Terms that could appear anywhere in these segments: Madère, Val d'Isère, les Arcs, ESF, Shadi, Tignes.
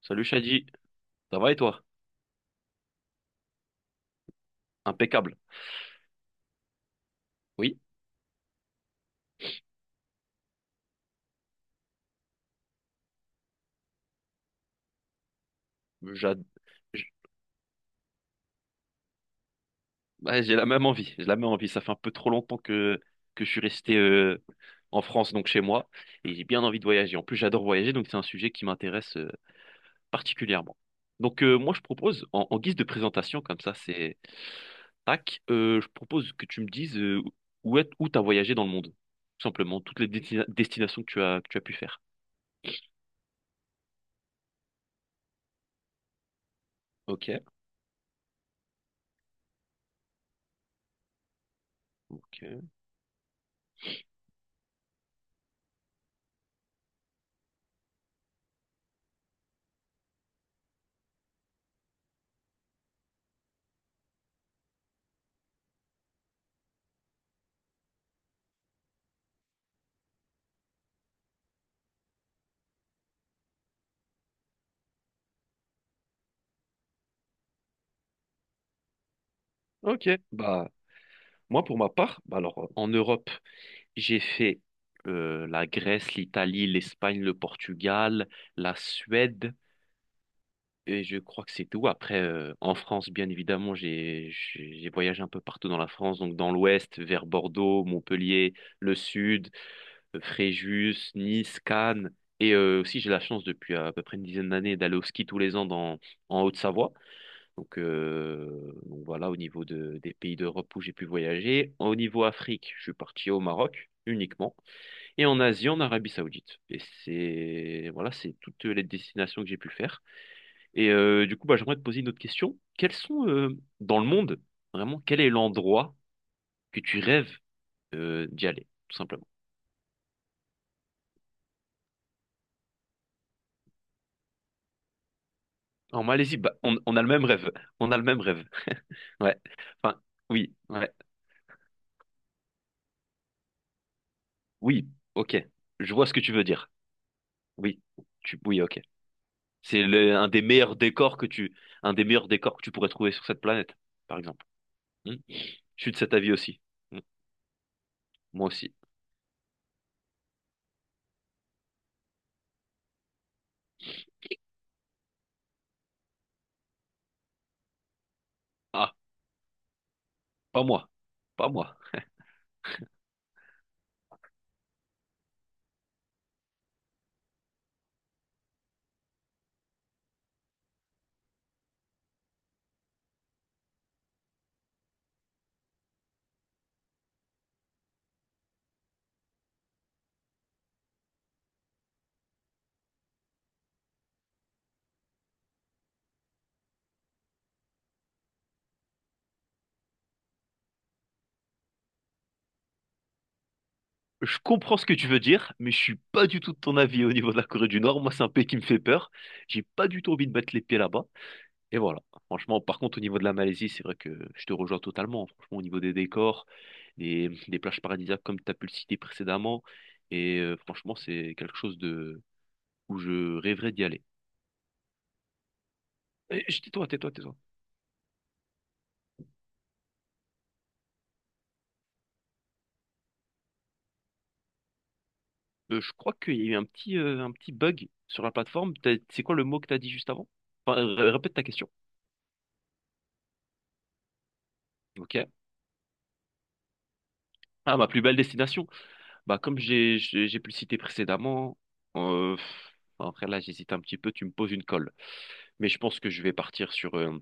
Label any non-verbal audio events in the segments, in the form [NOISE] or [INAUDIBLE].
Salut Shadi, ça va et toi? Impeccable. Oui, j'ad- j- ouais, j'ai la même envie. J'ai la même envie. Ça fait un peu trop longtemps que je suis resté en France, donc chez moi, et j'ai bien envie de voyager. En plus, j'adore voyager, donc c'est un sujet qui m'intéresse particulièrement. Donc moi, je propose, en guise de présentation, comme ça, c'est tac, je propose que tu me dises où t'as voyagé dans le monde, tout simplement, toutes les destinations que tu as pu faire. Ok, ok, ok. Bah, moi, pour ma part, bah alors, en Europe. J'ai fait la Grèce, l'Italie, l'Espagne, le Portugal, la Suède, et je crois que c'est tout. Après, en France, bien évidemment, j'ai voyagé un peu partout dans la France, donc dans l'ouest, vers Bordeaux, Montpellier, le sud, Fréjus, Nice, Cannes. Et aussi, j'ai la chance depuis à peu près une dizaine d'années d'aller au ski tous les ans en Haute-Savoie. Donc, voilà, au niveau des pays d'Europe où j'ai pu voyager. Au niveau Afrique, je suis parti au Maroc uniquement et en Asie, en Arabie Saoudite. Et c'est voilà, c'est toutes les destinations que j'ai pu faire. Et du coup, bah, j'aimerais te poser une autre question. Quels sont dans le monde, vraiment, quel est l'endroit que tu rêves d'y aller, tout simplement? En Malaisie, bah, on a le même rêve. On a le même rêve. [LAUGHS] Ouais. Enfin, oui, ouais. Oui, ok. Je vois ce que tu veux dire. Oui, oui, ok. C'est un des meilleurs décors que tu pourrais trouver sur cette planète, par exemple. Hmm. Je suis de cet avis aussi. Hmm. Moi aussi. Ah, pas moi. Pas moi. Je comprends ce que tu veux dire, mais je suis pas du tout de ton avis au niveau de la Corée du Nord. Moi, c'est un pays qui me fait peur. J'ai pas du tout envie de mettre les pieds là-bas. Et voilà. Franchement, par contre, au niveau de la Malaisie, c'est vrai que je te rejoins totalement. Franchement, au niveau des décors, des plages paradisiaques, comme tu as pu le citer précédemment. Et franchement, c'est quelque chose de où je rêverais d'y aller. Eh, Tais-toi, tais-toi, tais-toi. Je crois qu'il y a eu un petit bug sur la plateforme. C'est quoi le mot que tu as dit juste avant? Enfin, répète ta question. Ok. Ah, ma plus belle destination. Bah, comme j'ai pu le citer précédemment, après là, j'hésite un petit peu, tu me poses une colle. Mais je pense que je vais partir sur, euh,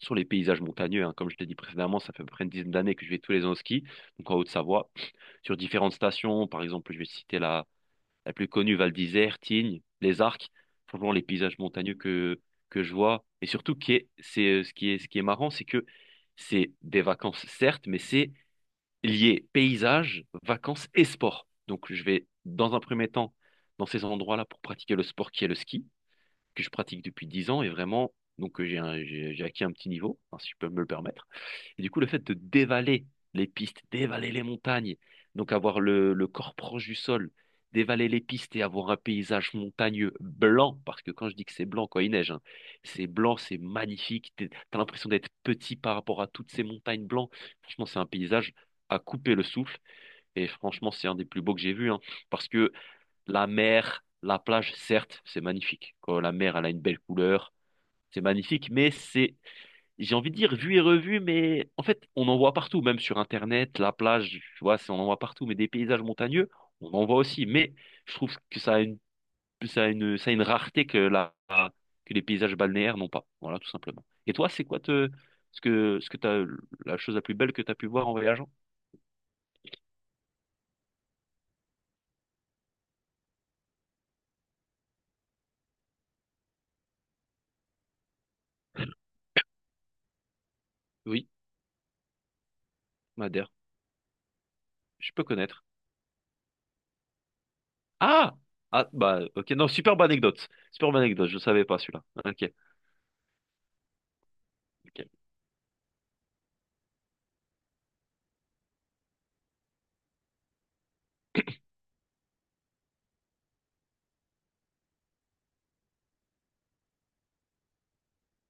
sur les paysages montagneux, hein. Comme je t'ai dit précédemment, ça fait à peu près une dizaine d'années que je vais tous les ans au ski, donc en Haute-Savoie, sur différentes stations. Par exemple, je vais citer la plus connue, Val d'Isère, Tignes, les Arcs, franchement les paysages montagneux que je vois. Et surtout, qui est, c'est, ce qui est marrant, c'est que c'est des vacances, certes, mais c'est lié paysage, vacances et sport. Donc je vais, dans un premier temps, dans ces endroits-là pour pratiquer le sport qui est le ski que je pratique depuis 10 ans et vraiment, donc j'ai acquis un petit niveau, hein, si je peux me le permettre. Et du coup, le fait de dévaler les pistes, dévaler les montagnes, donc avoir le corps proche du sol, dévaler les pistes et avoir un paysage montagneux blanc, parce que quand je dis que c'est blanc quand il neige, hein, c'est blanc, c'est magnifique, t'as l'impression d'être petit par rapport à toutes ces montagnes blancs. Franchement, c'est un paysage à couper le souffle et franchement, c'est un des plus beaux que j'ai vu, hein, parce que la mer, la plage, certes, c'est magnifique. Quand la mer, elle a une belle couleur, c'est magnifique, mais j'ai envie de dire, vu et revu, mais en fait, on en voit partout, même sur Internet, la plage, tu vois, on en voit partout, mais des paysages montagneux, on en voit aussi. Mais je trouve que ça a une rareté que que les paysages balnéaires n'ont pas. Voilà, tout simplement. Et toi, c'est quoi te, ce que t'as, la chose la plus belle que tu as pu voir en voyageant? Oui, Madère, je peux connaître. Ah! Ah, bah, ok. Non, superbe anecdote. Superbe anecdote, je savais pas celui-là. Ok, ok.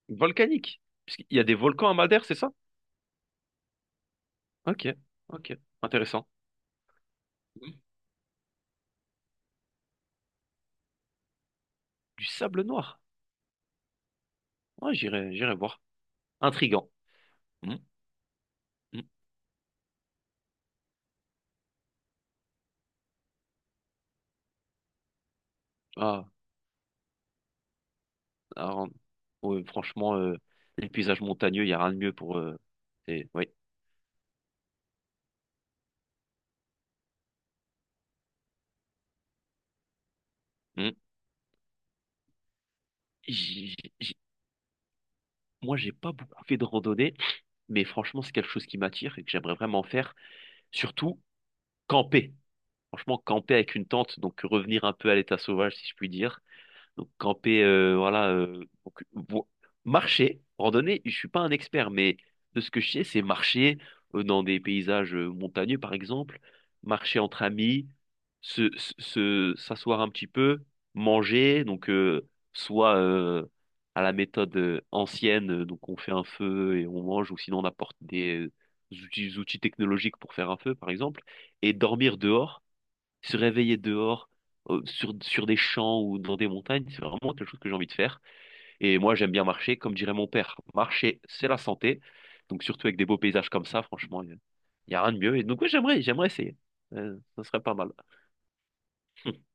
Volcanique. Puisqu'il y a des volcans à Madère, c'est ça? Ok, ok. Intéressant. Oui. Du sable noir. Ouais, j'irai voir. Intriguant. Hmm, hmm. Ah, ah, ouais, franchement, les paysages montagneux, il y a rien de mieux pour. Ouais. Hmm. j'ai- j'ai- Moi, j'ai pas beaucoup fait de randonnée, mais franchement, c'est quelque chose qui m'attire et que j'aimerais vraiment faire. Surtout, camper. Franchement, camper avec une tente, donc revenir un peu à l'état sauvage, si je puis dire. Donc camper, marcher, randonnée, je suis pas un expert, mais de ce que je sais, c'est marcher dans des paysages montagneux, par exemple, marcher entre amis, s'asseoir un petit peu, manger, donc soit à la méthode ancienne, donc on fait un feu et on mange, ou sinon on apporte des outils technologiques pour faire un feu, par exemple, et dormir dehors se réveiller dehors, sur des champs ou dans des montagnes, c'est vraiment quelque chose que j'ai envie de faire. Et moi, j'aime bien marcher, comme dirait mon père, marcher, c'est la santé. Donc, surtout avec des beaux paysages comme ça, franchement, il n'y a rien de mieux. Et donc, oui, j'aimerais essayer. Ça serait pas mal. [LAUGHS]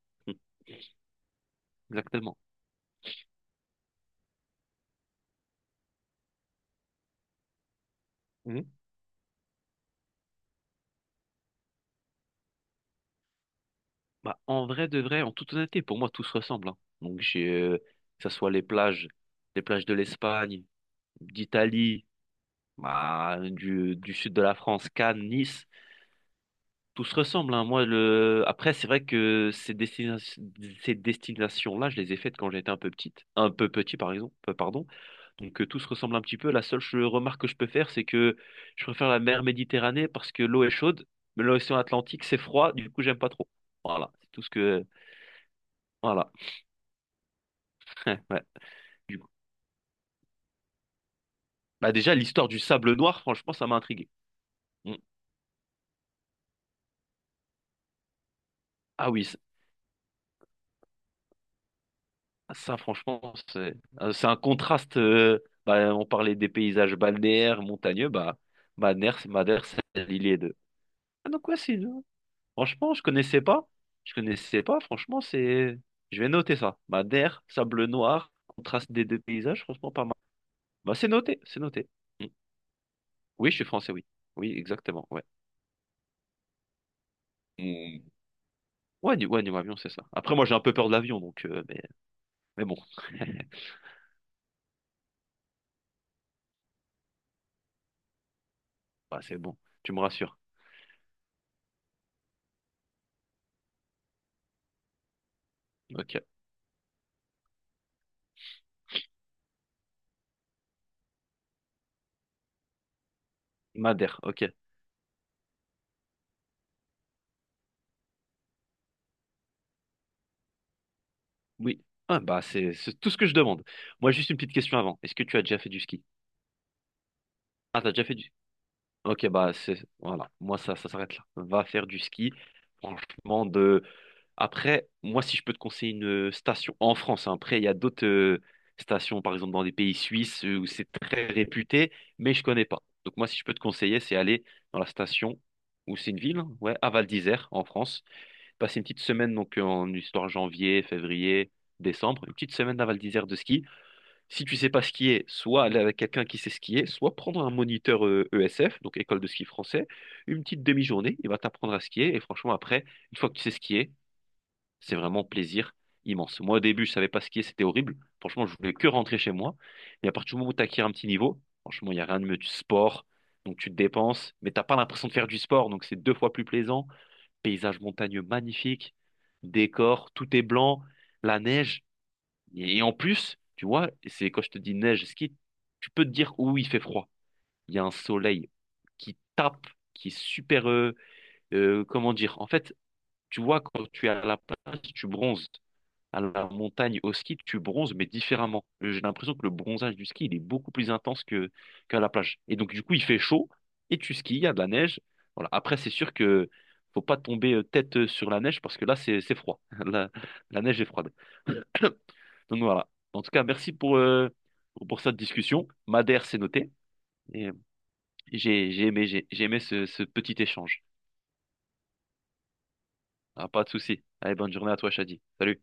Exactement. Mhm. Bah, en vrai de vrai, en toute honnêteté, pour moi, tout se ressemble, hein. Donc, que ce soit les plages, de l'Espagne, d'Italie, bah, du sud de la France, Cannes, Nice. Tout se ressemble, hein. Moi, le. Après, c'est vrai que ces destinations-là, je les ai faites quand j'étais un peu petite, un peu petit, par exemple, pardon. Donc, tout se ressemble un petit peu. La seule remarque que je peux faire, c'est que je préfère la mer Méditerranée parce que l'eau est chaude, mais l'océan Atlantique, c'est froid, du coup, j'aime pas trop. Voilà, c'est tout ce que. Voilà. [LAUGHS] Ouais. Du coup. Bah, déjà, l'histoire du sable noir, franchement, ça m'a intrigué. Mm. Ah oui, ça, franchement, c'est c'est un contraste. Bah, on parlait des paysages balnéaires, montagneux. Bah, Madère, c'est l'île et deux. Ah, donc, ouais, franchement, je connaissais pas. Je connaissais pas. Franchement, c'est. Je vais noter ça. Madère, sable noir, contraste des deux paysages. Franchement, pas mal. Bah, c'est noté. C'est noté. Mm. Oui, je suis français, oui. Oui, exactement. Ouais. Mm. Ouais, ouais, niveau avion, c'est ça. Après, moi, j'ai un peu peur de l'avion, donc. Mais bon. [LAUGHS] Bah, c'est bon. Tu me rassures. Ok. Madère, ok. Oui. Ah, bah, c'est tout ce que je demande. Moi, juste une petite question avant. Est-ce que tu as déjà fait du ski? Ah, t'as déjà fait du. Ok, bah, c'est. Voilà. Moi, ça s'arrête là. Va faire du ski. Franchement, de. Après, moi, si je peux te conseiller une station en France, hein, après, il y a d'autres stations, par exemple, dans les pays suisses où c'est très réputé, mais je connais pas. Donc, moi, si je peux te conseiller, c'est aller dans la station où c'est une ville, hein, ouais, à Val d'Isère, en France. Passer une petite semaine, donc, en histoire janvier, février, décembre, une petite semaine à Val d'Isère de ski. Si tu sais pas skier, soit aller avec quelqu'un qui sait skier, soit prendre un moniteur ESF, donc école de ski français, une petite demi-journée, il va t'apprendre à skier. Et franchement, après, une fois que tu sais skier, c'est vraiment plaisir immense. Moi, au début, je savais pas skier, c'était horrible. Franchement, je voulais que rentrer chez moi. Et à partir du moment où tu acquiers un petit niveau, franchement, il n'y a rien de mieux du sport. Donc tu te dépenses, mais t'as pas l'impression de faire du sport, donc c'est deux fois plus plaisant. Paysage montagneux magnifique, décor, tout est blanc, la neige. Et en plus, tu vois, c'est quand je te dis neige, ski, tu peux te dire où il fait froid. Il y a un soleil qui tape, qui est super, comment dire? En fait, tu vois, quand tu es à la plage, tu bronzes. À la montagne, au ski, tu bronzes, mais différemment. J'ai l'impression que le bronzage du ski, il est beaucoup plus intense que qu'à la plage. Et donc, du coup, il fait chaud et tu skis, il y a de la neige. Voilà. Après, c'est sûr que faut pas tomber tête sur la neige parce que là, c'est froid. [LAUGHS] La, la neige est froide. Donc voilà. En tout cas, merci pour cette discussion. Madère, c'est noté. Et j'ai aimé, j'ai aimé ce petit échange. Ah, pas de souci. Allez, bonne journée à toi, Shadi. Salut.